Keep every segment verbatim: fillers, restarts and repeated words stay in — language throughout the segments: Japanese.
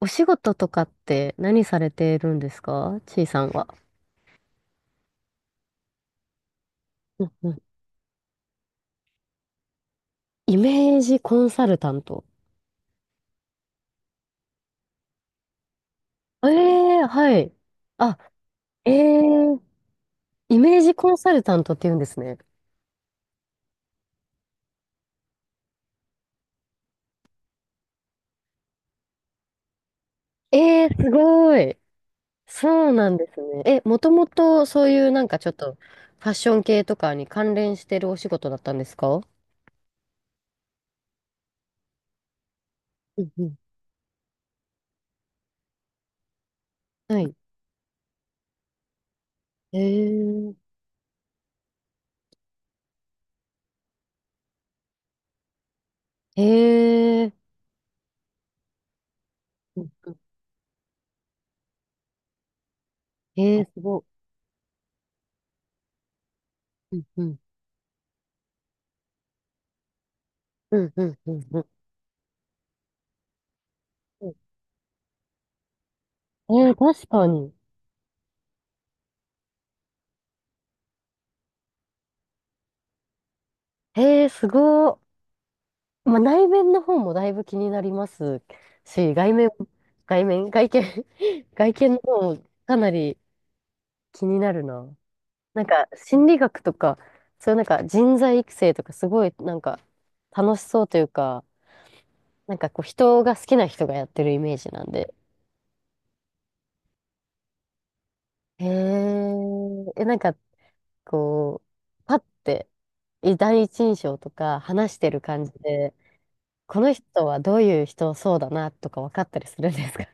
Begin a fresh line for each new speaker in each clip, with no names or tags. お仕事とかって何されてるんですかちいさんは。うんうん。イメージコンサルタント。ええー、はい。あ、ええー、イメージコンサルタントって言うんですね。ええー、すごい。そうなんですね。え、もともとそういうなんかちょっとファッション系とかに関連してるお仕事だったんですか？うんうん。はい。ええー、ええー、うんうん、えー、すごい。うんうん。うんうんうんうん。ええー、確かに。へえ、すごー。まあ、内面の方もだいぶ気になりますし、外面、外面、外見、外見の方もかなり気になるな。なんか、心理学とか、そういうなんか人材育成とか、すごいなんか楽しそうというか、なんかこう、人が好きな人がやってるイメージなんで。へえ、え、なんかこう、パッて、い第一印象とか話してる感じで、この人はどういう人そうだなとか分かったりするんですか？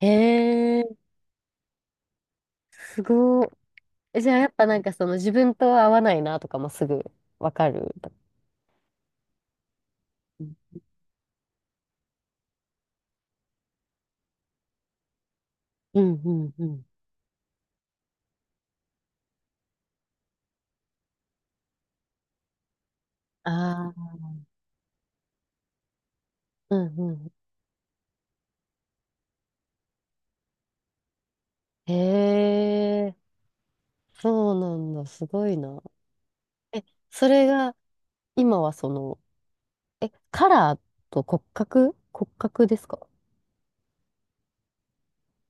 へえ、すごい。え、じゃあやっぱなんかその自分と合わないなとかもすぐわかる。うんうんうん。ああ、うんうん。へえ、そうなんだ。すごいな。え、それが今はその、え、カラーと骨格、骨格ですか？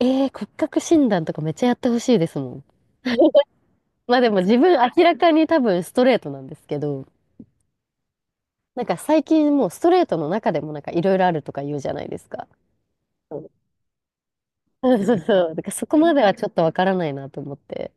えー、骨格診断とかめっちゃやってほしいですもん。まあでも自分明らかに多分ストレートなんですけど、なんか最近もうストレートの中でもなんかいろいろあるとか言うじゃないですか。そうそうそう。だからそこまではちょっとわからないなと思って。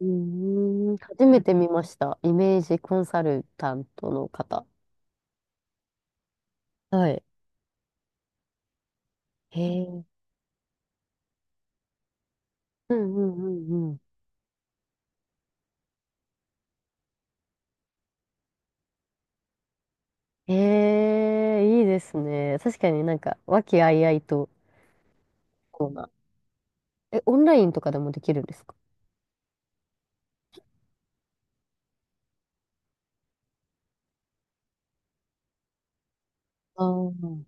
うーん。初めて見ました。イメージコンサルタントの方。はい。へえ。うんうんうんうん。へえ、いいですね。確かになんか、和気あいあいと、こうな。え、オンラインとかでもできるんですか？ああー。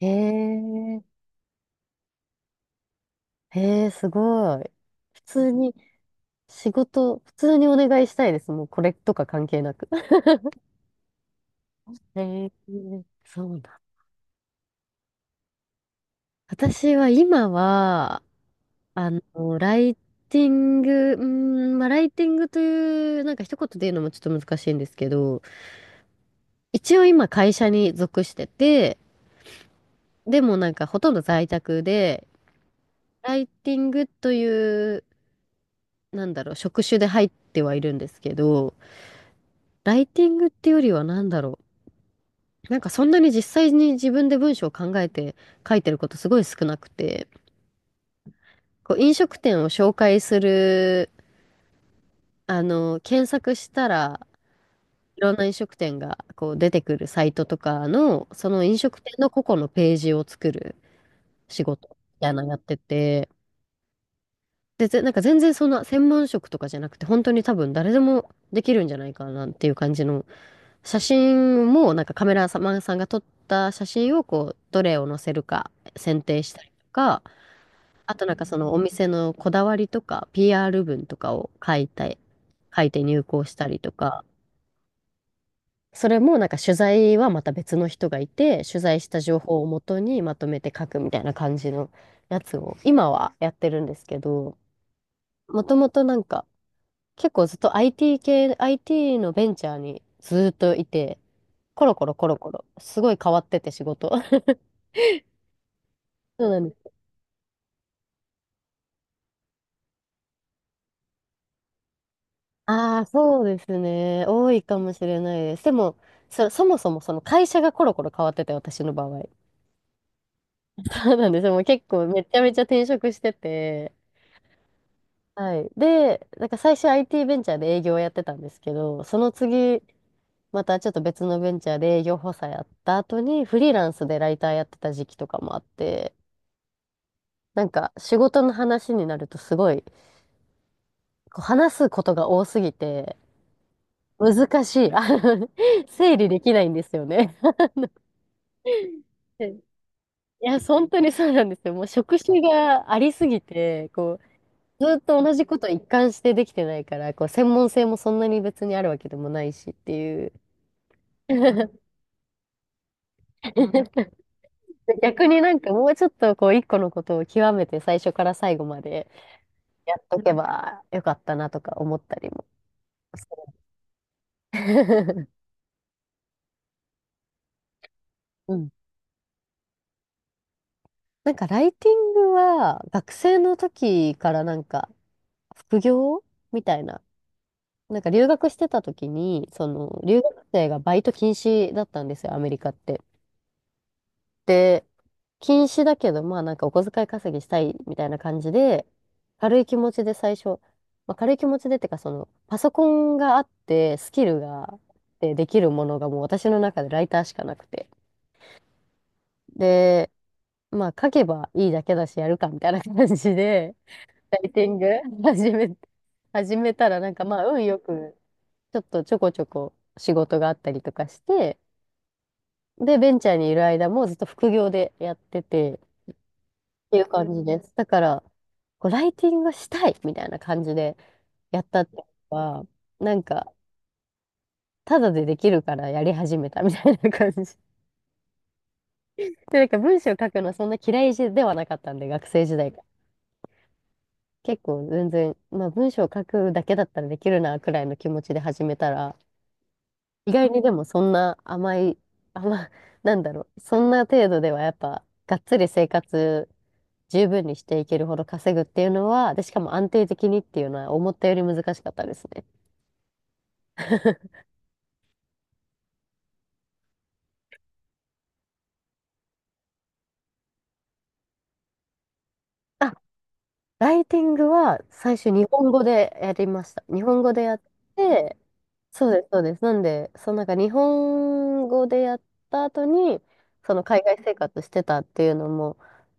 へえ、へえ、すごい。普通に、仕事、普通にお願いしたいです。もうこれとか関係なく。へえ、そうだ。私は今は、あの、ライティング、うーん、まあ、ライティングという、なんか一言で言うのもちょっと難しいんですけど、一応今会社に属してて、でもなんかほとんど在宅で、ライティングという、なんだろう、職種で入ってはいるんですけど、ライティングってよりはなんだろう、なんかそんなに実際に自分で文章を考えて書いてることすごい少なくて、こう飲食店を紹介する、あの、検索したら、いろんな飲食店がこう出てくるサイトとかの、その飲食店の個々のページを作る仕事みたいなのやってて、で、ぜなんか全然そんな専門職とかじゃなくて、本当に多分誰でもできるんじゃないかなっていう感じの、写真もなんかカメラマンさんが撮った写真をこう、どれを載せるか選定したりとか、あとなんかそのお店のこだわりとか、ピーアール 文とかを書いた書いて入稿したりとか、それもなんか取材はまた別の人がいて、取材した情報をもとにまとめて書くみたいな感じのやつを今はやってるんですけど、もともとなんか結構ずっと アイティー 系、アイティー のベンチャーにずっといて、コロコロコロコロ、すごい変わってて仕事。そうなんです。ああ、そうですね。多いかもしれないです。でも、そ、そもそもその会社がコロコロ変わってて、私の場合。そうなんですよ。もう結構めちゃめちゃ転職してて、はい。で、なんか最初 アイティー ベンチャーで営業をやってたんですけど、その次、またちょっと別のベンチャーで営業補佐やった後に、フリーランスでライターやってた時期とかもあって、なんか仕事の話になるとすごい、こう話すことが多すぎて、難しい。あの 整理できないんですよね。いや、本当にそうなんですよ。もう職種がありすぎて、こう、ずっと同じこと一貫してできてないから、こう、専門性もそんなに別にあるわけでもないしっていう。逆になんかもうちょっとこう一個のことを極めて最初から最後までやっとけばよかったなとか思ったりもする。うん。なんかライティングは学生の時からなんか副業みたいな。なんか留学してた時に、その留学生がバイト禁止だったんですよ、アメリカって。で、禁止だけど、まあなんかお小遣い稼ぎしたいみたいな感じで、軽い気持ちで最初、まあ、軽い気持ちでってか、その、パソコンがあって、スキルがあってできるものがもう私の中でライターしかなくて。で、まあ書けばいいだけだし、やるかみたいな感じで、ライティング 始め、始めたらなんかまあ運よく、ちょっとちょこちょこ仕事があったりとかして、で、ベンチャーにいる間もずっと副業でやってて、ていう感じです。だから、こうライティングしたいみたいな感じでやったってことは、なんか、ただでできるからやり始めたみたいな感じ。で、なんか文章書くのはそんな嫌いではなかったんで、学生時代から。結構全然、まあ文章書くだけだったらできるな、くらいの気持ちで始めたら、意外にでもそんな甘い、甘、なんだろう、そんな程度ではやっぱ、がっつり生活十分にしていけるほど稼ぐっていうのは、で、しかも安定的にっていうのは思ったより難しかったですね。あ、ライティングは最初日本語でやりました。日本語でやって、そうです、そうです。なんで、そのなんか日本語でやった後に、その海外生活してたっていうのも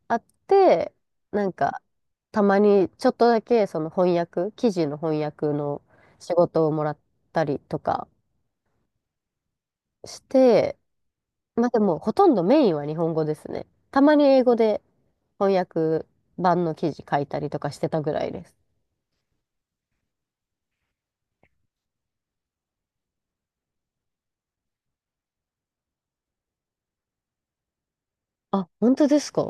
あって、なんか、たまにちょっとだけその翻訳、記事の翻訳の仕事をもらったりとかして、まあでも、ほとんどメインは日本語ですね。たまに英語で翻訳版の記事書いたりとかしてたぐらいです。あ、本当ですか？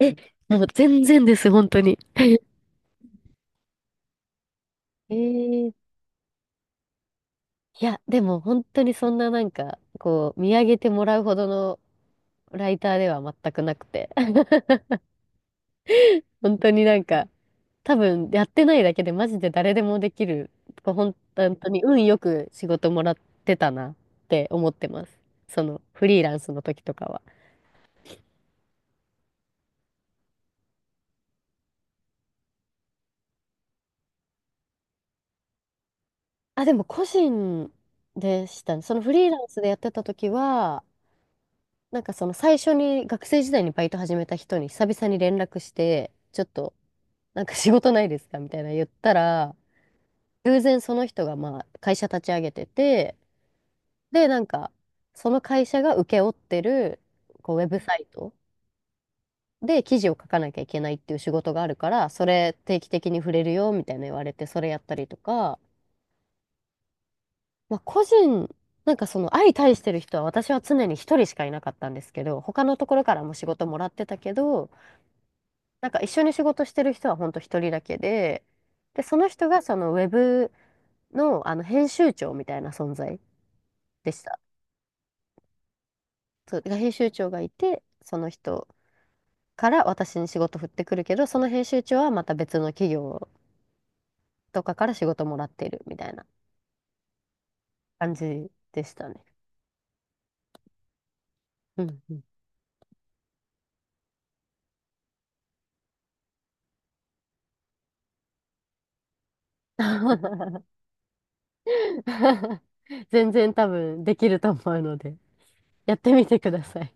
え、なんか全然です、本当に。ええ、いや、でも本当にそんななんか、こう、見上げてもらうほどのライターでは全くなくて。本当になんか、多分やってないだけでマジで誰でもできる。こうほん本当に運よく仕事もらってたなって思ってます。そのフリーランスの時とかは。あ、でも個人でしたね。そのフリーランスでやってた時は、なんかその最初に学生時代にバイト始めた人に久々に連絡して、ちょっとなんか仕事ないですかみたいな言ったら、偶然その人がまあ会社立ち上げてて、で、なんかその会社が請け負ってるこうウェブサイトで記事を書かなきゃいけないっていう仕事があるから、それ定期的に触れるよみたいな言われて、それやったりとか、まあ、個人、なんかその相対してる人は私は常に一人しかいなかったんですけど、他のところからも仕事もらってたけど、なんか一緒に仕事してる人は本当一人だけで、で、その人がそのウェブの、あの編集長みたいな存在でした。そう、が編集長がいて、その人から私に仕事振ってくるけど、その編集長はまた別の企業とかから仕事もらっているみたいな感じでしたね。うんうん。全然多分できると思うので。やってみてください。